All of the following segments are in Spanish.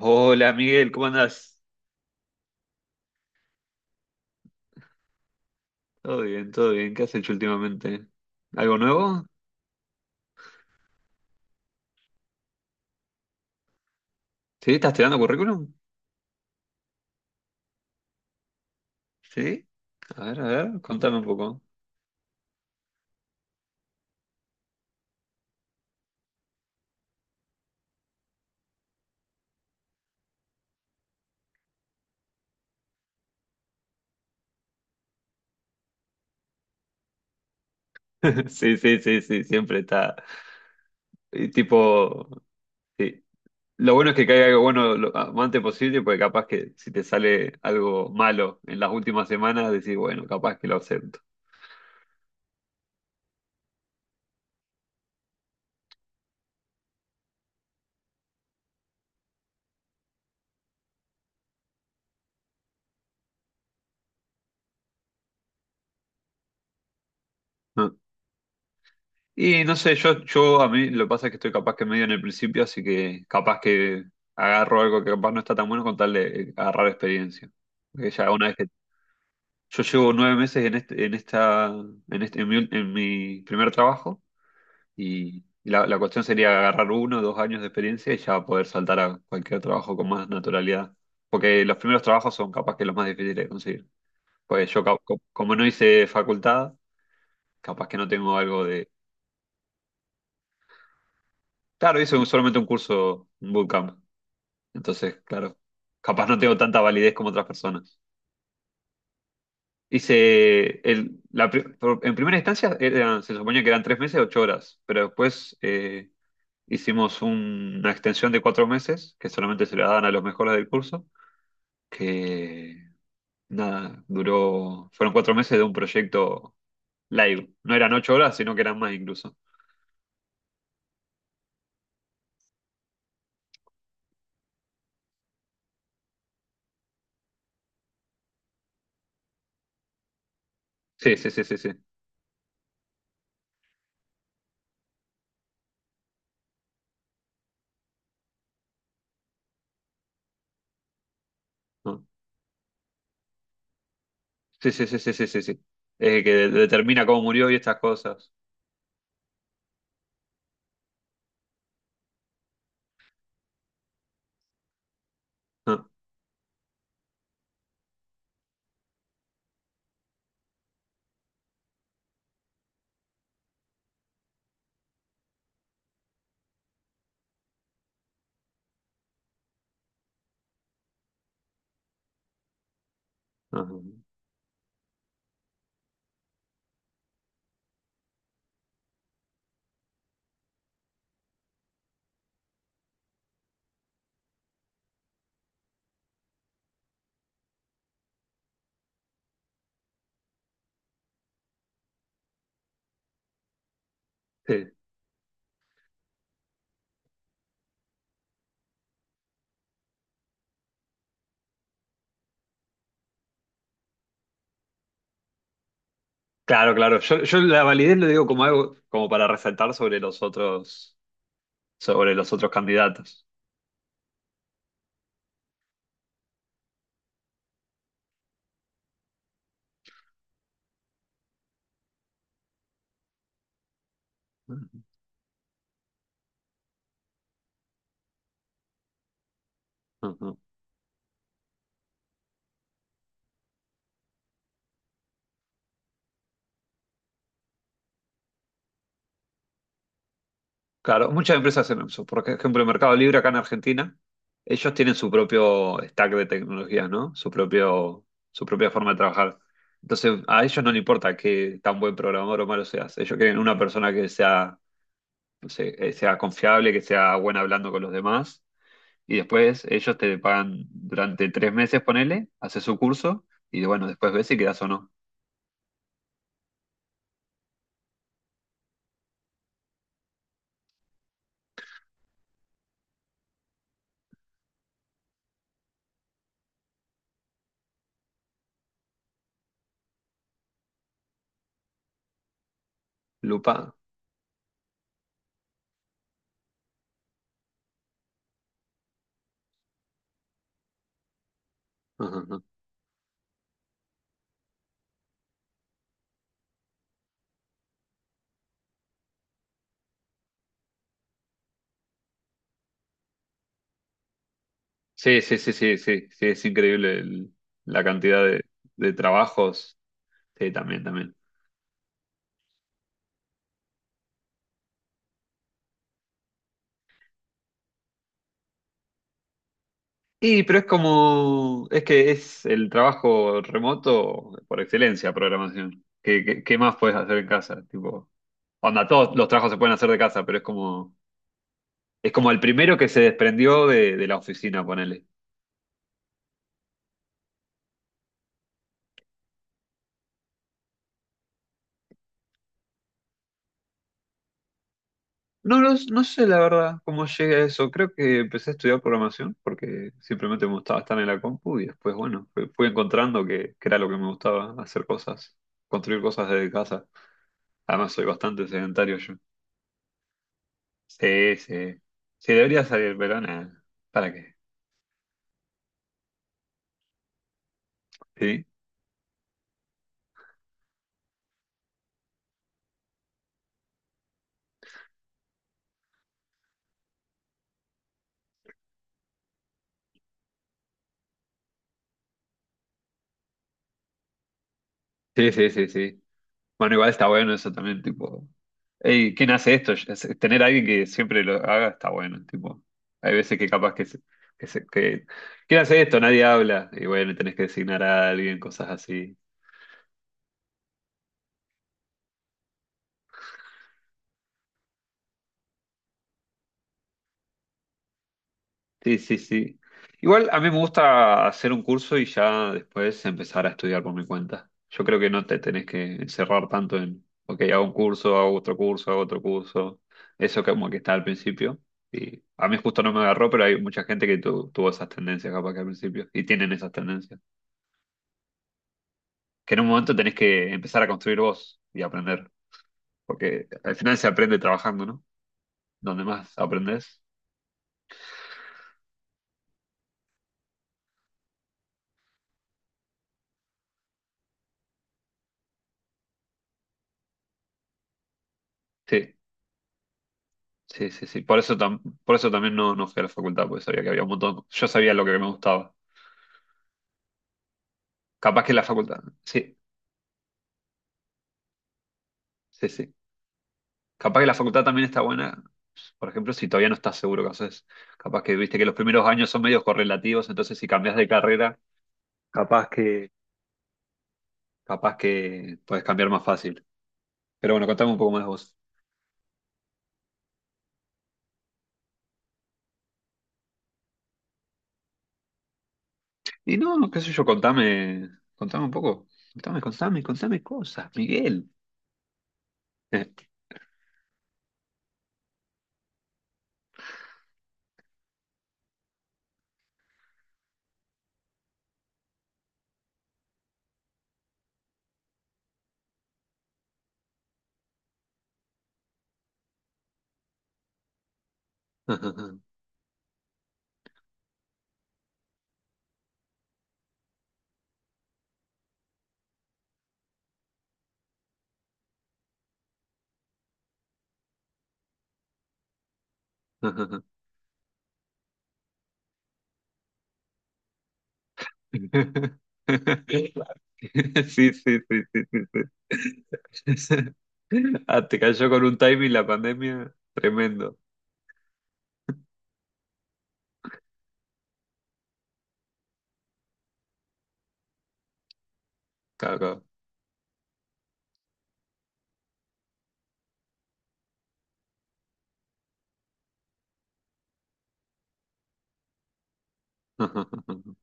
Hola Miguel, ¿cómo andás? Todo bien, todo bien. ¿Qué has hecho últimamente? ¿Algo nuevo? ¿Sí? ¿Estás tirando currículum? ¿Sí? A ver, contame un poco. Sí, sí, sí, sí, siempre está. Y tipo, sí. Lo bueno es que caiga algo bueno lo antes posible, porque capaz que si te sale algo malo en las últimas semanas, decís, bueno, capaz que lo acepto. ¿No? Y no sé, yo a mí lo que pasa es que estoy capaz que medio en el principio, así que capaz que agarro algo que capaz no está tan bueno con tal de agarrar experiencia. Porque ya una vez que yo llevo 9 meses en este, en esta, en este, en mi primer trabajo, y, la cuestión sería agarrar 1 o 2 años de experiencia y ya poder saltar a cualquier trabajo con más naturalidad. Porque los primeros trabajos son capaz que los más difíciles de conseguir. Pues yo como no hice facultad, capaz que no tengo algo de claro, hice solamente un curso, un bootcamp. Entonces, claro, capaz no tengo tanta validez como otras personas. Hice, el, la, pri- por- en primera instancia se suponía que eran 3 meses, 8 horas, pero después hicimos una extensión de 4 meses, que solamente se la daban a los mejores del curso, que nada, duró, fueron 4 meses de un proyecto live. No eran 8 horas, sino que eran más incluso. Sí, sí, sí, sí, sí. No. Sí, sí, sí, sí, sí, sí, sí. Que determina cómo murió y estas cosas. No, no, no. No. Sí. Claro, claro. Yo la validez lo digo como algo, como para resaltar sobre los otros candidatos. Ujú. Claro, muchas empresas hacen eso. Por ejemplo, el Mercado Libre acá en Argentina, ellos tienen su propio stack de tecnologías, ¿no? Su propio, su propia forma de trabajar. Entonces, a ellos no les importa qué tan buen programador o malo seas. Ellos quieren una persona que sea, no sé, sea confiable, que sea buena hablando con los demás. Y después ellos te pagan durante 3 meses, ponele, haces su curso y bueno, después ves si quedas o no. Lupa. Ajá, ajá. Sí, sí, sí, sí, sí, sí, es increíble la cantidad de trabajos. Sí, también, también. Y, pero es como, es que es el trabajo remoto por excelencia, programación. ¿Qué, qué, qué más puedes hacer en casa? Tipo, onda, todos los trabajos se pueden hacer de casa, pero es como el primero que se desprendió de la oficina, ponele. No, no sé la verdad cómo llegué a eso. Creo que empecé a estudiar programación porque simplemente me gustaba estar en la compu y después, bueno, fui encontrando que era lo que me gustaba, hacer cosas, construir cosas desde casa. Además, soy bastante sedentario yo. Sí, sí. Sí, debería salir, pero nada. ¿Para qué? Sí, sí, sí, sí, sí. Bueno, igual está bueno eso también, tipo. Ey, ¿quién hace esto? Es... tener a alguien que siempre lo haga está bueno, tipo. Hay veces que capaz que se, que se- que- ¿quién hace esto? Nadie habla. Y bueno, tenés que designar a alguien, cosas así. Sí, sí, sí. Igual a mí me gusta hacer un curso y ya después empezar a estudiar por mi cuenta. Yo creo que no te tenés que encerrar tanto en, ok, hago un curso, hago otro curso, hago otro curso. Eso como que está al principio. Y a mí justo no me agarró, pero hay mucha gente que tuvo esas tendencias capaz que al principio. Y tienen esas tendencias. Que en un momento tenés que empezar a construir vos y aprender. Porque al final se aprende trabajando, ¿no? Donde más aprendés. Sí. Sí, sí, sí. Por eso, por eso también no, no fui a la facultad, porque sabía que había un montón. Yo sabía lo que me gustaba. Capaz que la facultad. Sí, sí, sí. Capaz que la facultad también está buena, por ejemplo, si todavía no estás seguro qué haces. Capaz que viste que los primeros años son medios correlativos, entonces si cambias de carrera, capaz que, capaz que puedes cambiar más fácil. Pero bueno, contame un poco más de vos. Y no, no, qué sé yo, contame, contame un poco. Contame, contame, contame cosas, Miguel. Sí, sí, sí, sí, sí, sí. Ah, te cayó con un timing la pandemia tremendo. Claro, claro.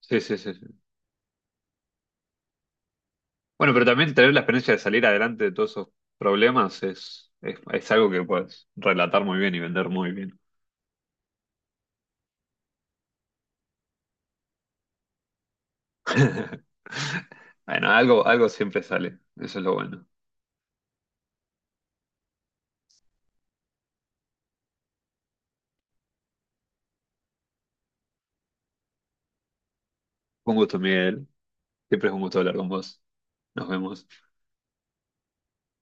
Sí, sí, sí, sí. Bueno, pero también tener la experiencia de salir adelante de todos esos problemas es algo que puedes relatar muy bien y vender muy bien. Bueno, algo, algo siempre sale. Eso es lo bueno. Un gusto, Miguel. Siempre es un gusto hablar con vos. Nos vemos.